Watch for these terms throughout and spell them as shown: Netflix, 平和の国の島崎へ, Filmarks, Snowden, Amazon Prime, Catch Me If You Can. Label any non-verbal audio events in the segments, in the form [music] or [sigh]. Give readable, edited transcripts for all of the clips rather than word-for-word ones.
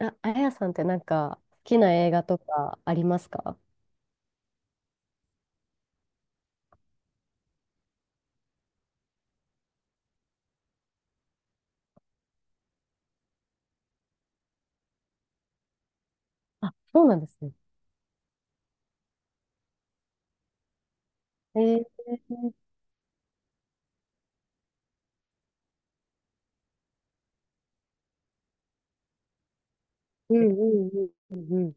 あやさんってなんか好きな映画とかありますか？あ、そうなんですね。えー、うんうんうん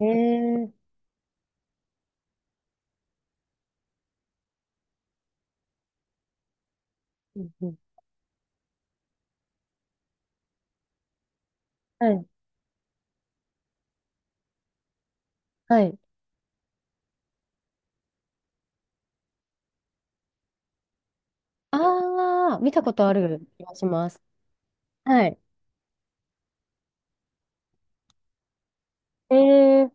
うん。うんうん。はい。はい。ああ、見たことある気がします。はい。えー、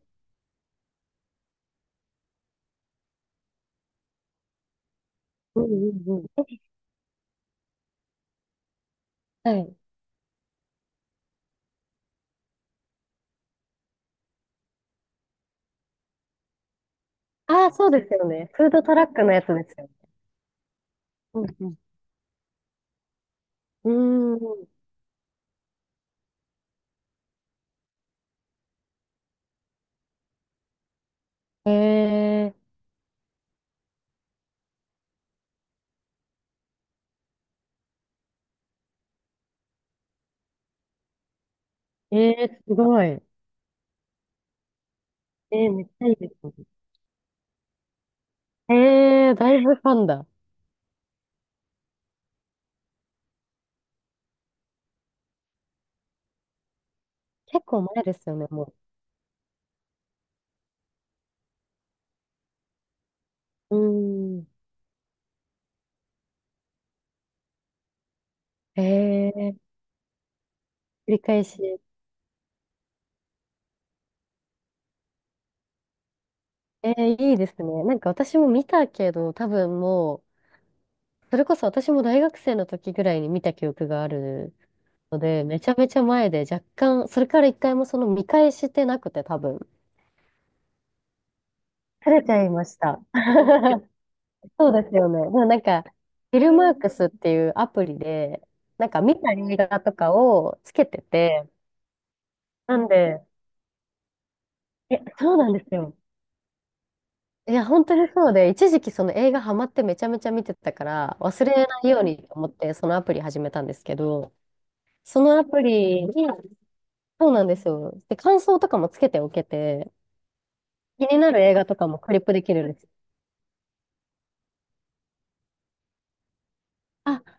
うんうんうん。はい。ああ、そうですよね。フードトラックのやつですよね。うんうん。うーん。えー、えすごい。めっちゃいいですね。だいぶファンだ。結構前ですよね、もう。うーん。えー繰り返し。いいですね。なんか私も見たけど、多分もう、それこそ私も大学生の時ぐらいに見た記憶があるので、めちゃめちゃ前で若干、それから一回もその見返してなくて多分。されちゃいました。そうですよね。でもなんか、フィルマークスっていうアプリで、なんか見た映画とかをつけてて、なんで、そうなんですよ。いや、本当にそうで、一時期その映画ハマってめちゃめちゃ見てたから、忘れないようにと思ってそのアプリ始めたんですけど、そのアプリに、そうなんですよ。で、感想とかもつけておけて、気になる映画とかもクリップできるんです。あ、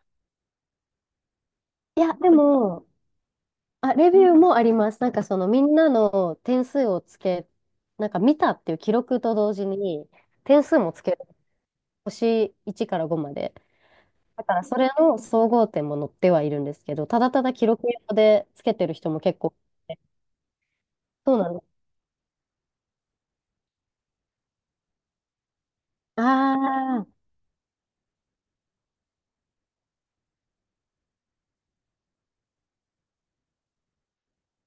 いや、でも、あ、レビューもあります。なんかそのみんなの点数をつけ、なんか見たっていう記録と同時に、点数もつける。星1から5まで。だからそれの総合点も載ってはいるんですけど、ただただ記録用でつけてる人も結構、そうなんです。あー、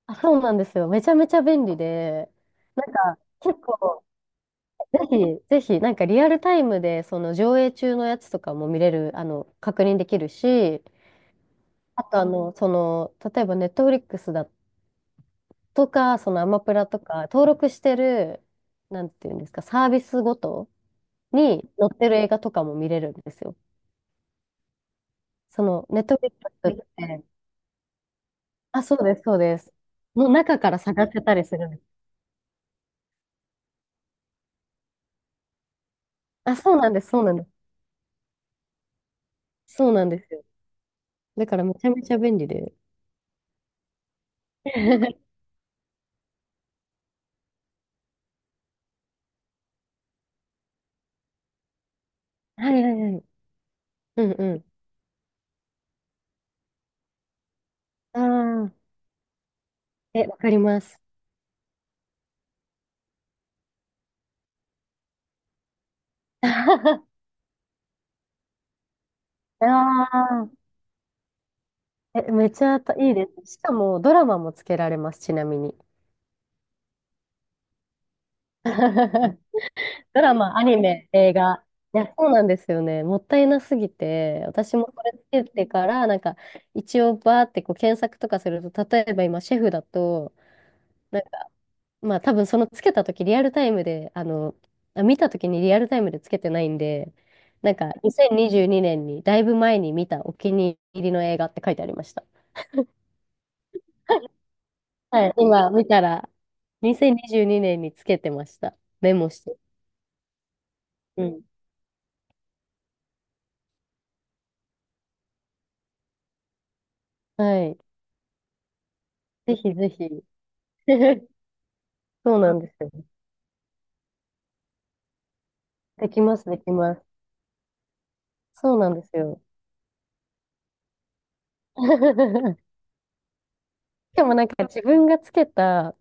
あ、そうなんですよ。めちゃめちゃ便利で、結構、ぜひ、ぜひ、なんかリアルタイムで、その上映中のやつとかも見れる、あの、確認できるし、あと、あの、その、例えばネットフリックスだとか、そのアマプラとか、登録してる、なんていうんですか、サービスごとに載ってる映画とかも見れるんですよ。その、ネットフリックスって、あ、そうです、そうです。の中から探せたりするんです。あ、そうなんです、そうなんです。そうなんですよ。だからめちゃめちゃ便利で。[laughs] はいはいはい。うんうん。ああ、わかります。[laughs] ああ、めちゃたいいです。しかもドラマもつけられます、ちなみに。[laughs] ドラマ、アニメ、映画。いや、そうなんですよね。もったいなすぎて、私もこれつけてから、なんか、一応バーってこう検索とかすると、例えば今、シェフだと、まあ多分そのつけた時リアルタイムで、あの、あ見た時にリアルタイムでつけてないんで、なんか2022年にじゅうにねんにだいぶ前に見たお気に入りの映画って書いてありました。はい、今見たら2022年にじゅうにねんにつけてました。メモして。うん。はい。ぜひぜひ。[laughs] そうなんですよ。できます、できます。そうなんですよ。[laughs] でもなんか自分がつけた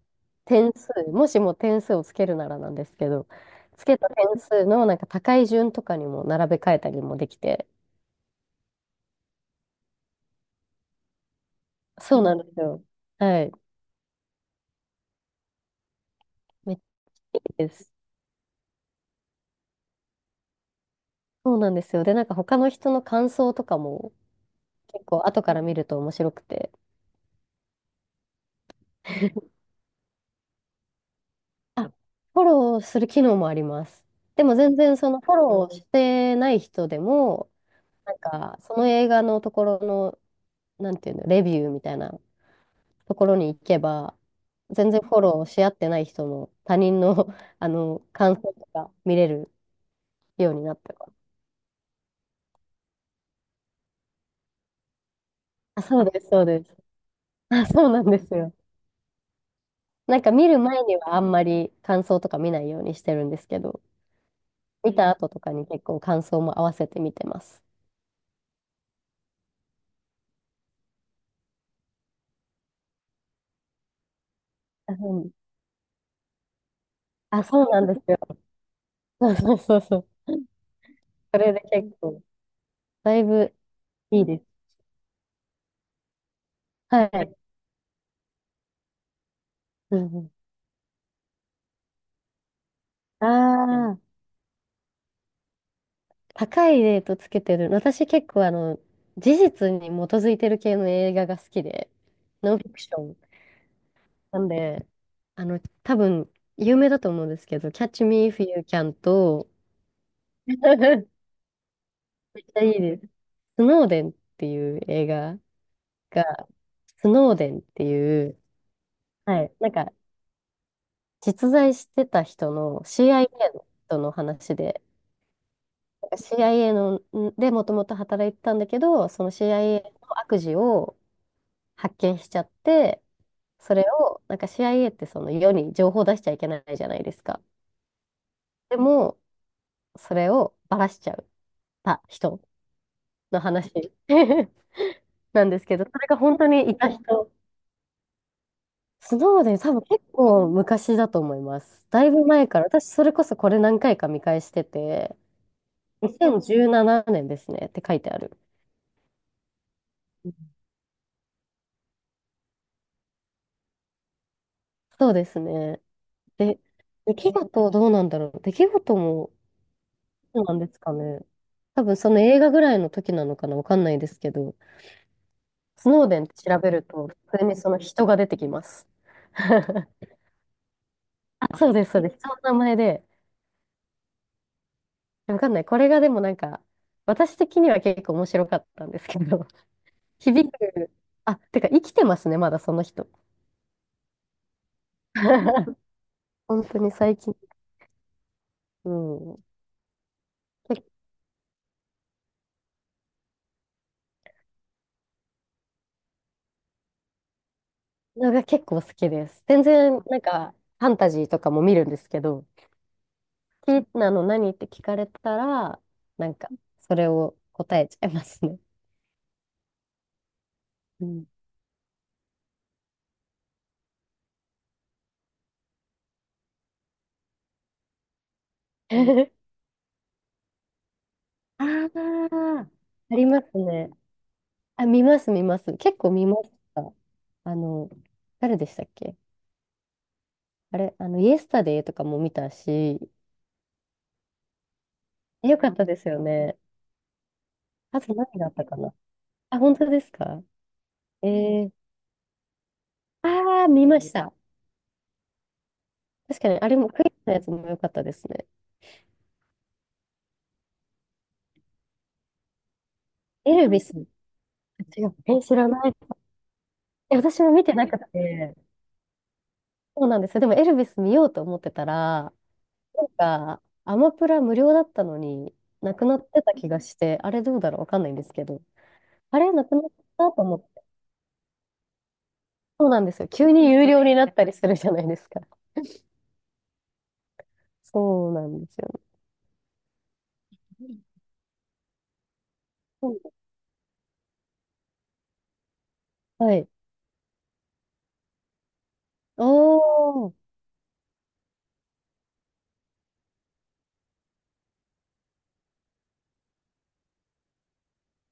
点数、もしも点数をつけるならなんですけど、つけた点数のなんか高い順とかにも並べ替えたりもできて、そうなんですよ。はい。めっちゃいいです。そうなんですよ。で、なんか他の人の感想とかも結構後から見ると面白くて、あ、フォローする機能もあります。でも全然そのフォローしてない人でも、なんかその映画のところの、なんていうの、レビューみたいなところに行けば、全然フォローし合ってない人も他人の、[laughs] あの感想とか見れるようになったから。あ、そうです、そうです。あ、そうなんですよ。なんか見る前にはあんまり感想とか見ないようにしてるんですけど、見た後とかに結構感想も合わせて見てます。あ、うん、あ、そうなんですよ。そうそうそうそう。それで結構、だいぶいいです。はい。うんうん、ああ。高いレートつけてる。私結構あの、事実に基づいてる系の映画が好きで、ノンフィクション。なんで、あの、多分、有名だと思うんですけど、Catch Me If You Can と、[laughs] めっちゃいいです。スノーデンっていう映画が、スノーデンっていう、はい、なんか、実在してた人の CIA の人の話で、なんか CIA の、んでもともと働いてたんだけど、その CIA の悪事を、発見しちゃって、それを、なんか CIA ってその世に情報出しちゃいけないじゃないですか。でも、それをばらしちゃった人の話 [laughs] なんですけど、それが本当にいた人。スノーデン多分結構昔だと思います。だいぶ前から、私それこそこれ何回か見返してて、2017年ですねって書いてある。そうですね。で、出来事どうなんだろう。出来事もそうなんですかね。多分その映画ぐらいの時なのかな、わかんないですけど、スノーデンって調べると、普通にその人が出てきます。[laughs] あ、そうです、そうです。人の名前で、わかんない。これがでもなんか、私的には結構面白かったんですけど、[laughs] 響く、あ、てか生きてますね、まだその人。[laughs] 本当に最近、うん、けのが結構好きです。全然なんか、ファンタジーとかも見るんですけど、好き、なの、何って聞かれたら、なんか、それを答えちゃいますね。うん。[laughs] ああ、ありますね。あ、見ます、見ます。結構見ました。あの、誰でしたっけ？あれ、あの、イエスタデイとかも見たし、よかったですよね。あと何があったかな？あ、本当ですか？えー、ああ、見ました。確かに、あれもクイズのやつも良かったですね。エルビス。違う。え、知らない。え、私も見てなくて。そうなんですよ。でもエルヴィス見ようと思ってたら、なんか、アマプラ無料だったのに、なくなってた気がして、あれどうだろうわかんないんですけど、あれなくなったと思って、そうなんですよ。急に有料になったりするじゃないですか。そうなんですよね。うん、はい。おー。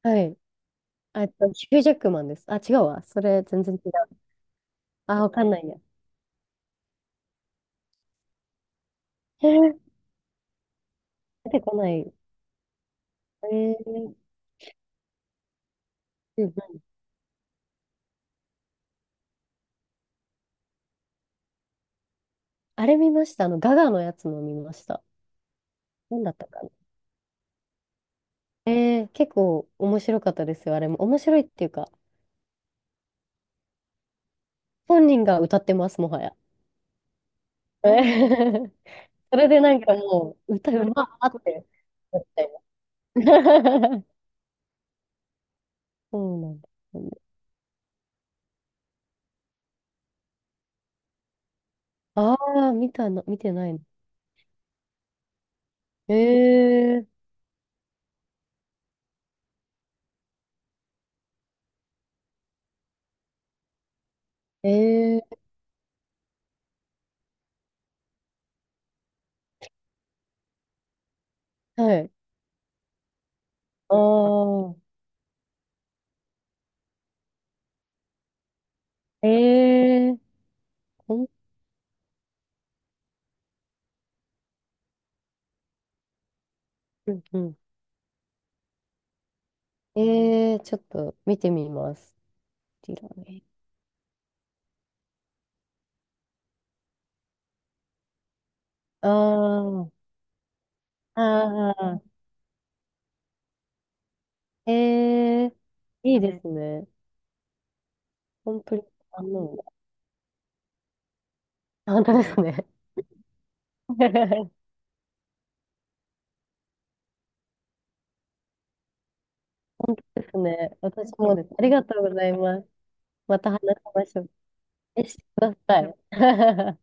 はい。ヒュージャックマンです。あ、違うわ。それ全然違う。あ、わかんないや。へえ、出てこない。えー、うんうん、あれ見ました。ガガのやつも見ました。なんだったか。結構面白かったですよ、あれも。面白いっていうか、本人が歌ってます、もはや。えー [laughs] それでなんかもう、歌うまーってなっちゃいます。[laughs] そうなんですね。ああ、見たの、見てないの。えー、えはい。ああ、ほん、うんうん。ちょっと見てみます。ティラね。ああ、ああ、えー、いいですね。コンプリ、あの、本当ですね。[laughs] 本当ですね。私もです。ありがとうございます。また話しましょう。え、してください。[laughs]